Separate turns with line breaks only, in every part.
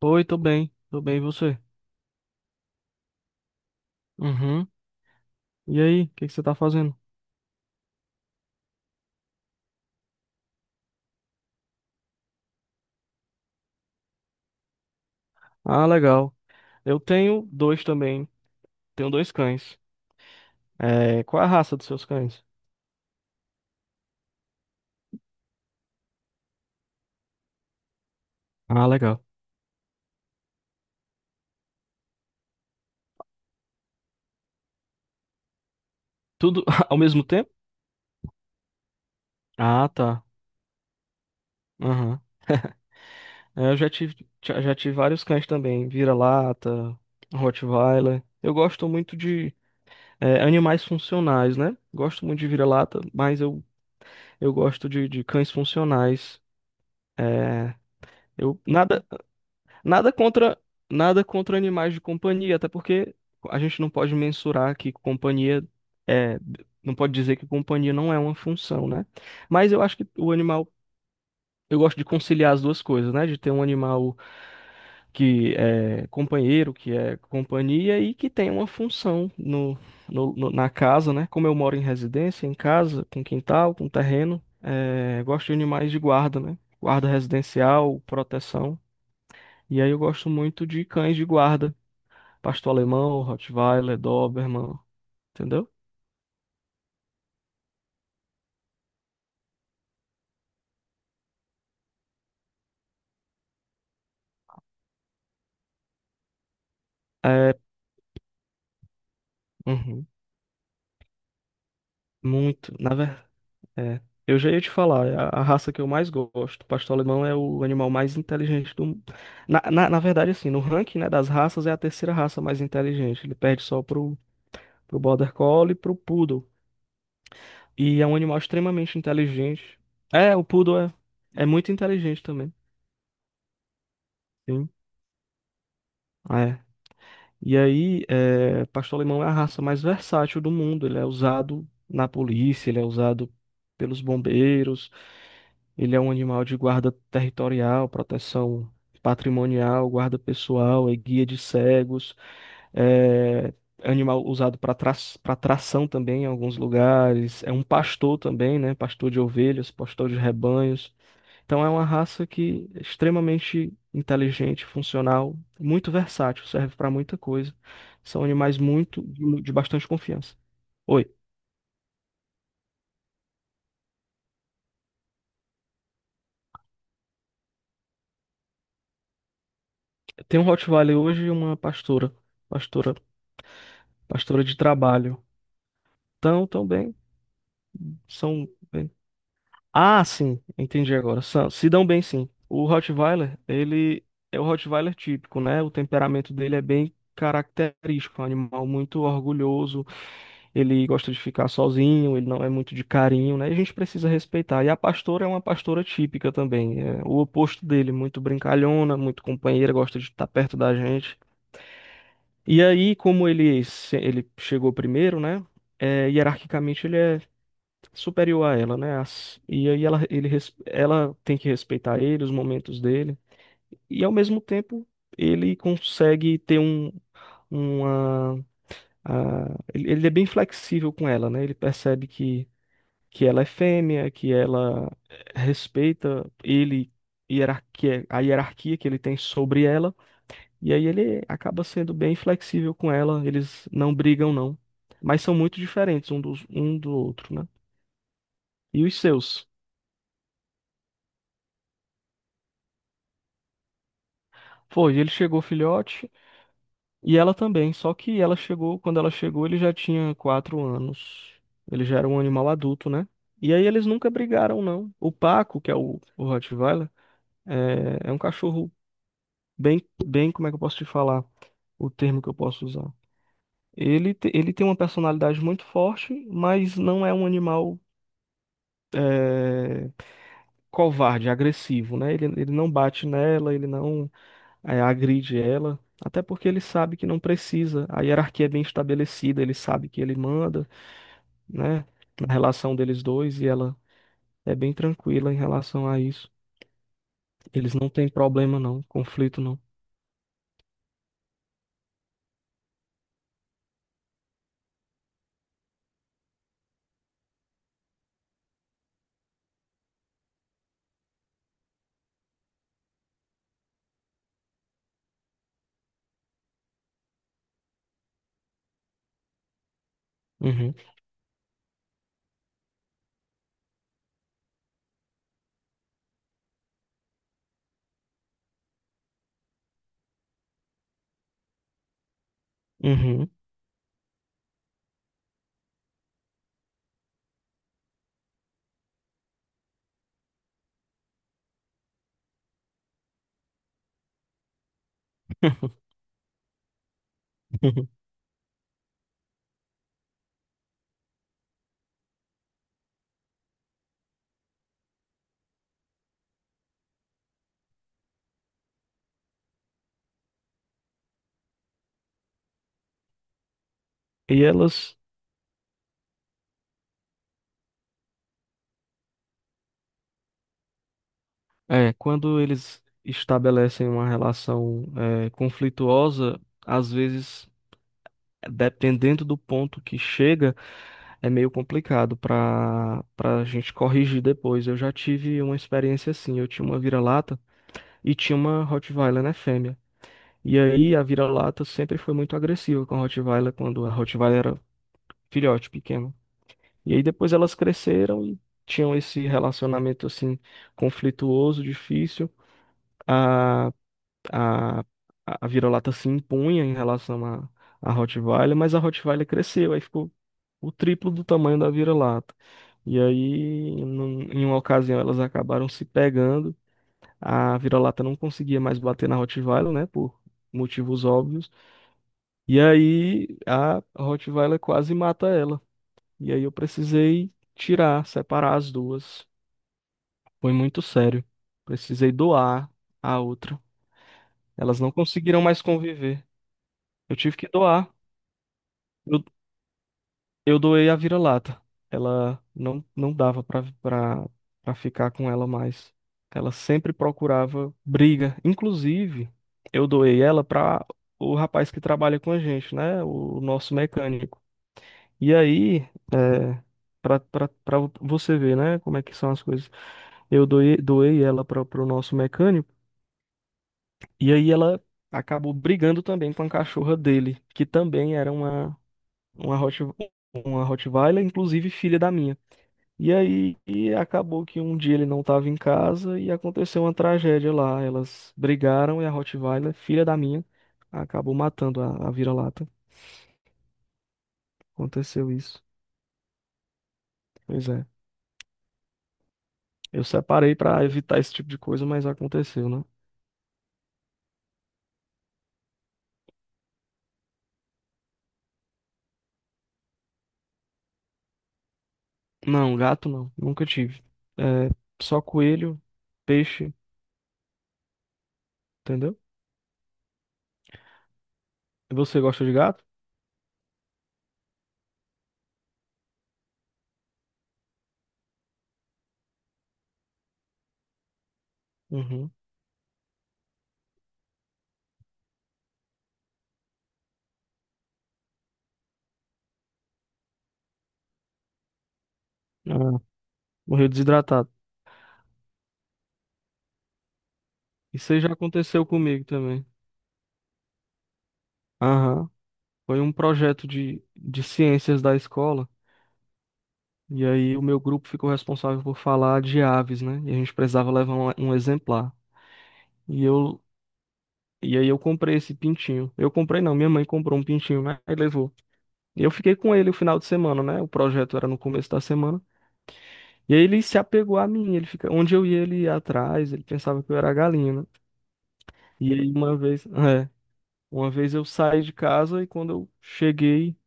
Oi, tô bem, e você? Uhum. E aí, o que que você tá fazendo? Ah, legal. Eu tenho dois também, tenho dois cães. É, qual é a raça dos seus cães? Ah, legal. Tudo ao mesmo tempo? Ah, tá. Aham. É, eu já tive, já tive vários cães também, vira-lata, Rottweiler. Eu gosto muito de animais funcionais, né? Gosto muito de vira-lata, eu gosto de cães funcionais. É, eu nada Nada contra, nada contra animais de companhia, até porque a gente não pode mensurar que companhia é, não pode dizer que companhia não é uma função, né? Mas eu acho que o animal, eu gosto de conciliar as duas coisas, né? De ter um animal que é companheiro, que é companhia e que tem uma função na casa, né? Como eu moro em residência, em casa, com quintal, com terreno, é, gosto de animais de guarda, né? Guarda residencial, proteção. E aí eu gosto muito de cães de guarda, pastor alemão, Rottweiler, Doberman, entendeu? É, uhum, muito, na verdade, é. Eu já ia te falar, é a raça que eu mais gosto, pastor alemão é o animal mais inteligente do mundo. Na, na, na verdade, assim, no ranking, né, das raças, é a terceira raça mais inteligente. Ele perde só pro Border Collie e pro Poodle. E é um animal extremamente inteligente. O Poodle é muito inteligente também. Sim. é E aí, é, pastor alemão é a raça mais versátil do mundo. Ele é usado na polícia, ele é usado pelos bombeiros, ele é um animal de guarda territorial, proteção patrimonial, guarda pessoal, é guia de cegos, é animal usado para tração também em alguns lugares, é um pastor também, né? Pastor de ovelhas, pastor de rebanhos. Então é uma raça que é extremamente inteligente, funcional, muito versátil, serve para muita coisa. São animais muito de bastante confiança. Oi, tem um Rottweiler hoje e uma pastora, pastora, pastora de trabalho. Então, tão bem, são bem. Ah, sim, entendi agora. São- se dão bem, sim. O Rottweiler, ele é o Rottweiler típico, né? O temperamento dele é bem característico, é um animal muito orgulhoso. Ele gosta de ficar sozinho, ele não é muito de carinho, né? E a gente precisa respeitar. E a pastora é uma pastora típica também, é o oposto dele, muito brincalhona, muito companheira, gosta de estar perto da gente. E aí, como ele, se- ele chegou primeiro, né? É, hierarquicamente ele é superior a ela, né? As- e aí ela, ele, res- ela tem que respeitar ele, os momentos dele. E ao mesmo tempo, ele consegue ter um, uma, a- ele é bem flexível com ela, né? Ele percebe que ela é fêmea, que ela respeita ele, hierarquia, a hierarquia que ele tem sobre ela, e aí ele acaba sendo bem flexível com ela, eles não brigam não, mas são muito diferentes um dos, um do outro, né? E os seus? Foi, ele chegou filhote e ela também, só que ela chegou, quando ela chegou, ele já tinha 4 anos. Ele já era um animal adulto, né? E aí eles nunca brigaram, não. O Paco, que é o Rottweiler, é, é um cachorro bem, como é que eu posso te falar o termo que eu posso usar? Ele, te- ele tem uma personalidade muito forte, mas não é um animal é, covarde, agressivo, né? Ele não bate nela, ele não agride ela, até porque ele sabe que não precisa. A hierarquia é bem estabelecida, ele sabe que ele manda, né? Na relação deles dois, e ela é bem tranquila em relação a isso. Eles não têm problema, não, conflito não. Uhum, uhum. E elas é, quando eles estabelecem uma relação conflituosa, às vezes, dependendo do ponto que chega, é meio complicado para a gente corrigir depois. Eu já tive uma experiência assim. Eu tinha uma vira-lata e tinha uma Rottweiler, né, fêmea. E aí a vira-lata sempre foi muito agressiva com a Rottweiler quando a Rottweiler era filhote pequeno. E aí depois elas cresceram e tinham esse relacionamento assim conflituoso, difícil. A a, a a vira-lata se impunha em relação à Rottweiler, mas a Rottweiler cresceu, aí ficou o triplo do tamanho da vira-lata. E aí, em uma ocasião, elas acabaram se pegando. A vira-lata não conseguia mais bater na Rottweiler, né, por motivos óbvios. E aí, a Rottweiler quase mata ela. E aí, eu precisei tirar, separar as duas. Foi muito sério. Precisei doar a outra. Elas não conseguiram mais conviver. Eu tive que doar. Eu, eu doei a vira-lata. Ela não, não dava pra ficar com ela mais. Ela sempre procurava briga. Inclusive, eu doei ela pra o rapaz que trabalha com a gente, né? O nosso mecânico. E aí, é, pra você ver, né? Como é que são as coisas. Eu doei, doei ela pro nosso mecânico. E aí ela acabou brigando também com a cachorra dele, que também era uma. uma Hot, uma Rottweiler, inclusive filha da minha. E aí e acabou que um dia ele não estava em casa e aconteceu uma tragédia lá. Elas brigaram e a Rottweiler, filha da minha, acabou matando a vira-lata. Aconteceu isso. Pois é. Eu separei para evitar esse tipo de coisa, mas aconteceu, né? Não, gato não. Nunca tive. É, só coelho, peixe, entendeu? Você gosta de gato? Uhum. Ah, morreu desidratado. Isso aí já aconteceu comigo também. Aham. Foi um projeto de ciências da escola, e aí o meu grupo ficou responsável por falar de aves, né? E a gente precisava levar um, um exemplar. E eu, e aí eu comprei esse pintinho. Eu comprei não, minha mãe comprou um pintinho, né? Aí levou. E eu fiquei com ele o final de semana, né? O projeto era no começo da semana. E aí ele se apegou a mim, ele fica, onde eu ia, ele ia atrás, ele pensava que eu era a galinha, né? E aí uma vez, é, uma vez eu saí de casa e quando eu cheguei,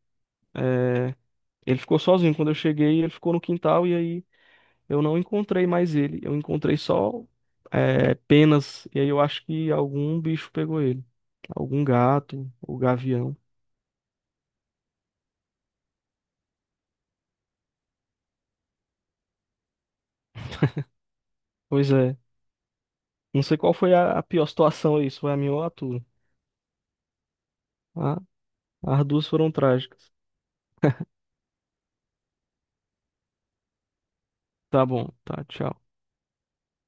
ele ficou sozinho, quando eu cheguei, ele ficou no quintal e aí eu não encontrei mais ele. Eu encontrei só penas. E aí eu acho que algum bicho pegou ele. Algum gato ou gavião. Pois é. Não sei qual foi a pior situação aí, se foi a minha ou a tua. Ah, as duas foram trágicas. Tá bom, tá, tchau.